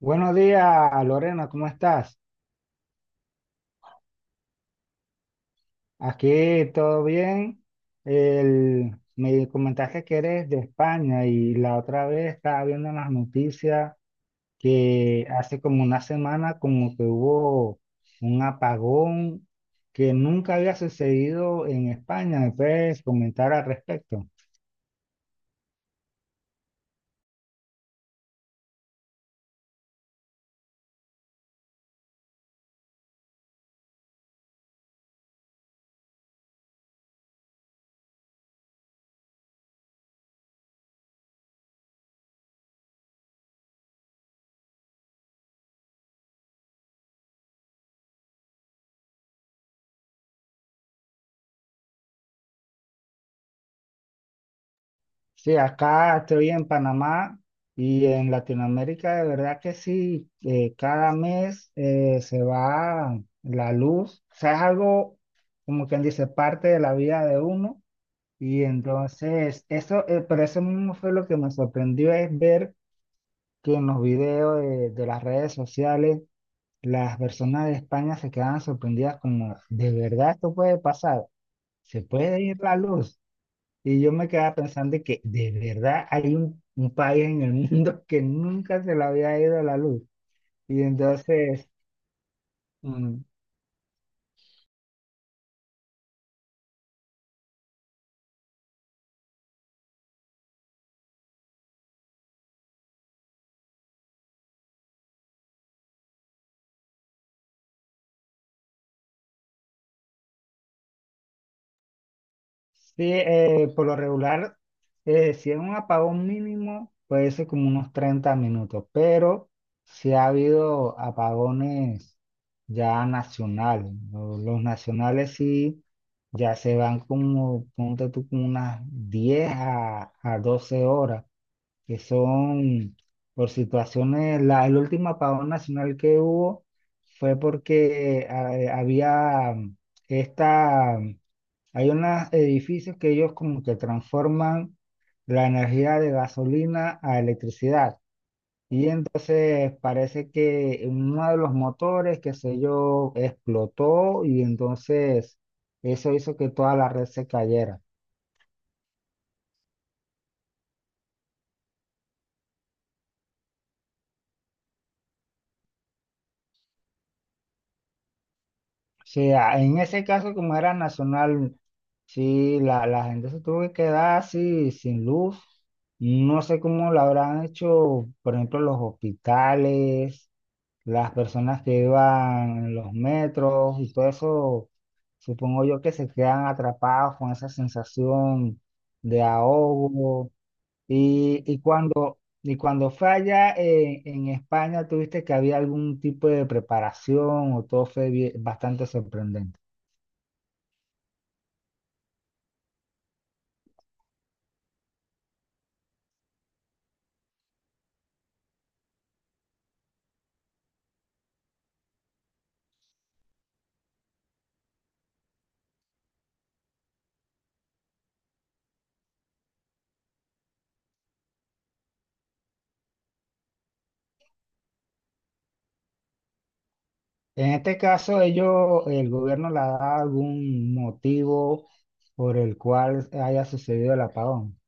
Buenos días, Lorena, ¿cómo estás? Aquí todo bien. Me comentaste que eres de España y la otra vez estaba viendo en las noticias que hace como una semana como que hubo un apagón que nunca había sucedido en España. ¿Me puedes comentar al respecto? Sí, acá estoy en Panamá y en Latinoamérica, de verdad que sí, cada mes se va la luz, o sea, es algo como quien dice parte de la vida de uno. Y entonces eso, pero eso mismo fue lo que me sorprendió, es ver que en los videos de las redes sociales, las personas de España se quedaban sorprendidas como, ¿de verdad esto puede pasar? ¿Se puede ir la luz? Y yo me quedaba pensando de que de verdad hay un país en el mundo que nunca se le había ido la luz. Y entonces, mm, sí, por lo regular, si es un apagón mínimo, puede ser como unos 30 minutos, pero si ha habido apagones ya nacionales, ¿no? Los nacionales sí, ya se van como, ponte tú, como unas 10 a 12 horas, que son por situaciones. El último apagón nacional que hubo fue porque había, esta, mm, hay unos edificios que ellos como que transforman la energía de gasolina a electricidad. Y entonces parece que uno de los motores, qué sé yo, explotó, y entonces eso hizo que toda la red se cayera. Sí, en ese caso, como era nacional, sí, la gente se tuvo que quedar así, sin luz. No sé cómo lo habrán hecho, por ejemplo, los hospitales, las personas que iban en los metros y todo eso. Supongo yo que se quedan atrapados con esa sensación de ahogo. Y cuando falla en España, ¿tuviste que había algún tipo de preparación o todo fue bastante sorprendente? En este caso, ellos, el gobierno le da algún motivo por el cual haya sucedido el apagón.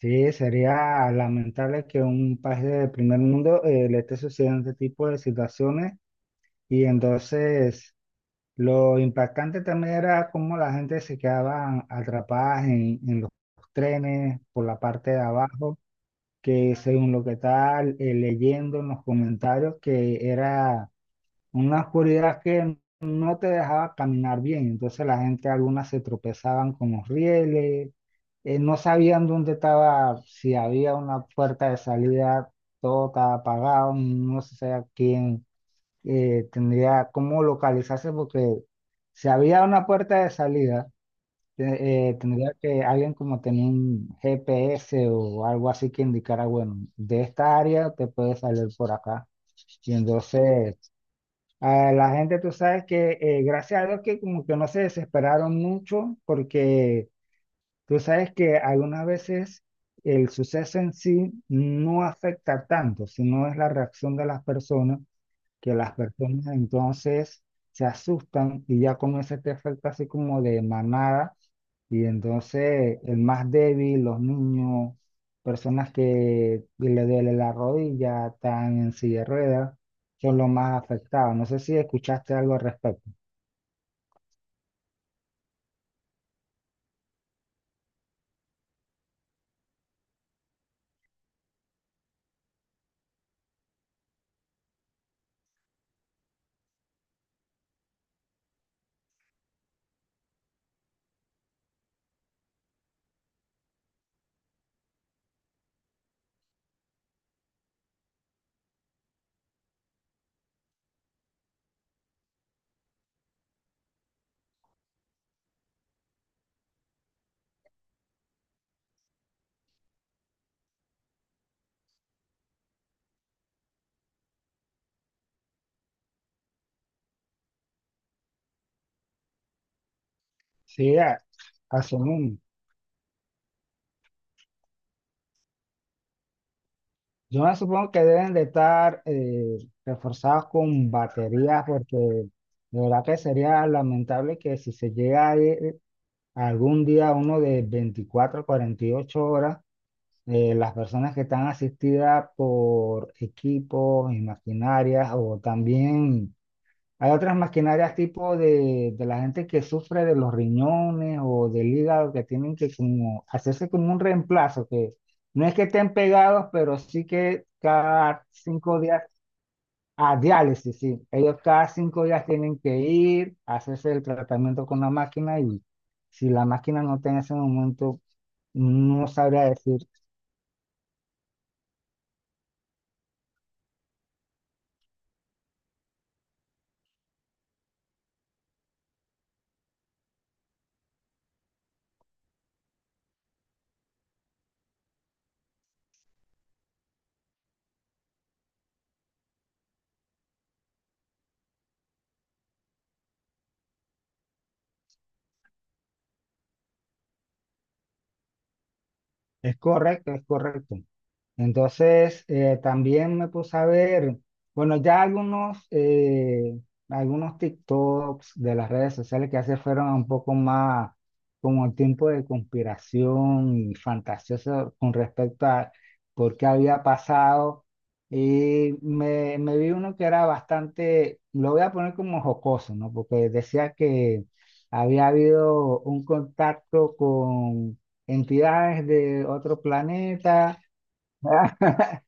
Sí, sería lamentable que un país del primer mundo le esté sucediendo este tipo de situaciones. Y entonces lo impactante también era cómo la gente se quedaba atrapada en los trenes por la parte de abajo, que según lo que estaba leyendo en los comentarios, que era una oscuridad que no te dejaba caminar bien. Entonces la gente, algunas se tropezaban con los rieles, no sabían dónde estaba, si había una puerta de salida, todo estaba apagado, no se sabía quién tendría cómo localizarse, porque si había una puerta de salida, tendría que alguien como tener un GPS o algo así que indicara, bueno, de esta área te puedes salir por acá. Y entonces, a la gente, tú sabes que gracias a Dios que como que no se desesperaron mucho, porque tú sabes que algunas veces... El suceso en sí no afecta tanto, sino es la reacción de las personas, que las personas entonces se asustan y ya comienza este efecto así como de manada. Y entonces el más débil, los niños, personas que le duele la rodilla, están en silla de ruedas, son los más afectados. No sé si escuchaste algo al respecto. Sí, asumimos. Yo me supongo que deben de estar reforzados con baterías, porque de verdad que sería lamentable que si se llega algún día, uno de 24 a ocho horas, las personas que están asistidas por equipos y maquinarias, o también hay otras maquinarias tipo de la gente que sufre de los riñones o del hígado, que tienen que como hacerse como un reemplazo, que no es que estén pegados, pero sí que cada cinco días a diálisis, sí. Ellos cada cinco días tienen que ir, hacerse el tratamiento con la máquina, y si la máquina no está en ese momento, no sabría decir, es correcto, es correcto. Entonces, también me puse a ver, bueno, ya algunos, algunos TikToks de las redes sociales, que hace fueron un poco más como el tiempo de conspiración y fantasioso con respecto a por qué había pasado. Y me vi uno que era bastante, lo voy a poner como jocoso, ¿no? Porque decía que había habido un contacto con entidades de otro planeta.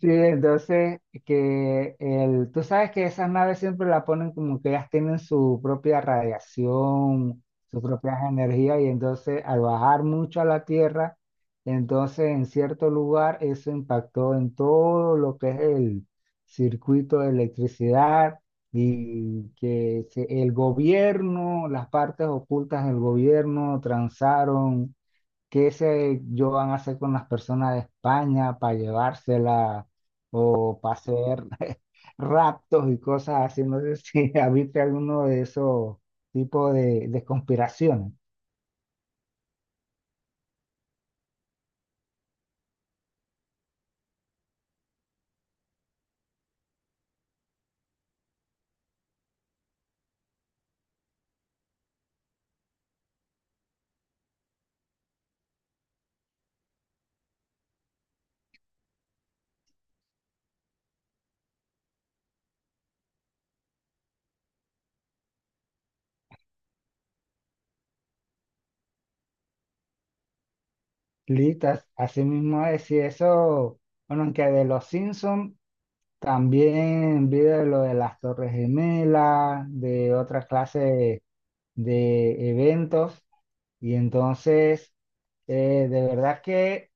Sí, entonces que el, tú sabes que esas naves siempre la ponen como que ellas tienen su propia radiación, sus propias energías, y entonces al bajar mucho a la Tierra, entonces en cierto lugar eso impactó en todo lo que es el circuito de electricidad, y el gobierno, las partes ocultas del gobierno transaron qué sé yo van a hacer con las personas de España para llevársela o para hacer raptos y cosas así. No sé si habiste alguno de esos tipos de conspiraciones. Listas, así mismo es, y eso, bueno, aunque de los Simpsons también vi de lo de las Torres Gemelas, de otra clase de eventos, y entonces, de verdad que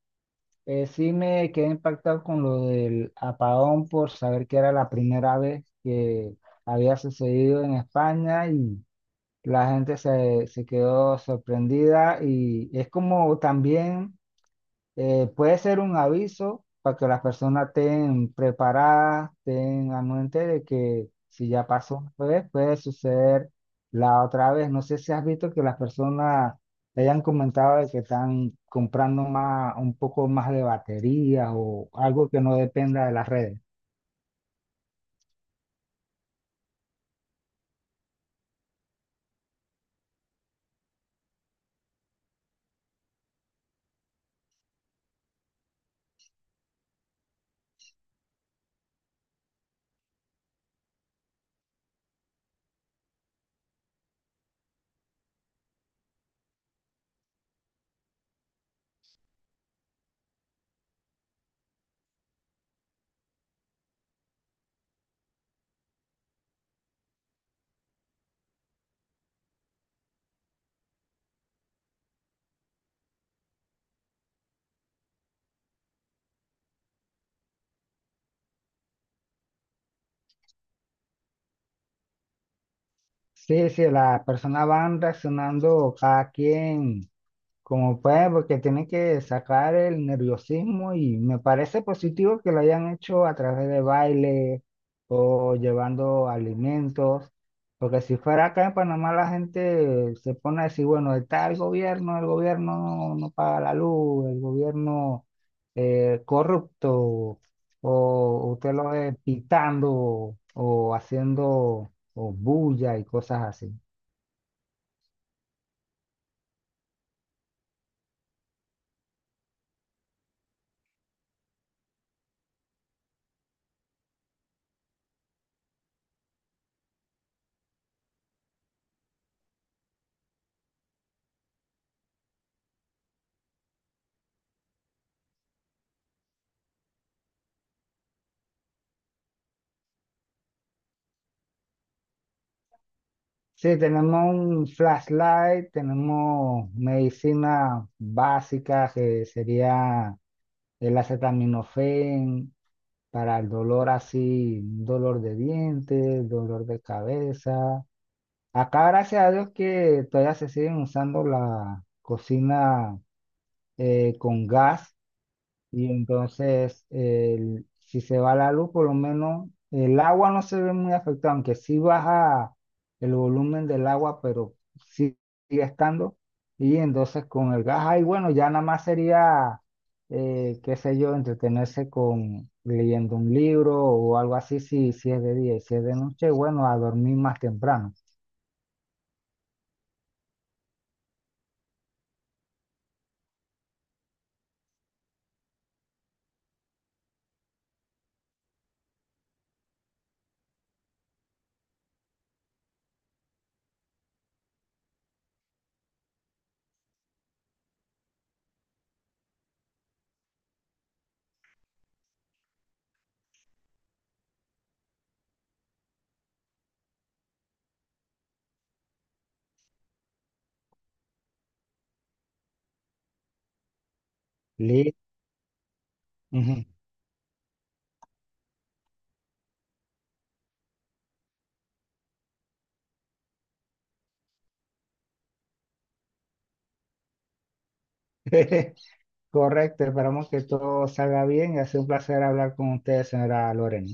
eh, sí me quedé impactado con lo del apagón por saber que era la primera vez que había sucedido en España, y la gente se, se quedó sorprendida, y es como también puede ser un aviso para que las personas estén preparadas, tengan mente de que si ya pasó una vez, puede suceder la otra vez. No sé si has visto que las personas te hayan comentado de que están comprando más, un poco más de baterías, o algo que no dependa de las redes. Sí, sí, las personas van reaccionando cada quien como pues, porque tiene que sacar el nerviosismo, y me parece positivo que lo hayan hecho a través de baile o llevando alimentos, porque si fuera acá en Panamá la gente se pone a decir, bueno, está el gobierno no, no paga la luz, el gobierno corrupto, o usted lo ve pitando o haciendo o bulla y cosas así. Sí, tenemos un flashlight, tenemos medicina básica que sería el acetaminofén para el dolor así, dolor de dientes, dolor de cabeza. Acá gracias a Dios que todavía se siguen usando la cocina con gas, y entonces, si se va la luz, por lo menos el agua no se ve muy afectada, aunque sí baja el volumen del agua, pero sí sigue estando. Y entonces con el gas, ahí bueno, ya nada más sería, qué sé yo, entretenerse con leyendo un libro o algo así, si, si es de día, y si es de noche, bueno, a dormir más temprano. Li- Correcto, esperamos que todo salga bien, y ha sido un placer hablar con ustedes, señora Lorena.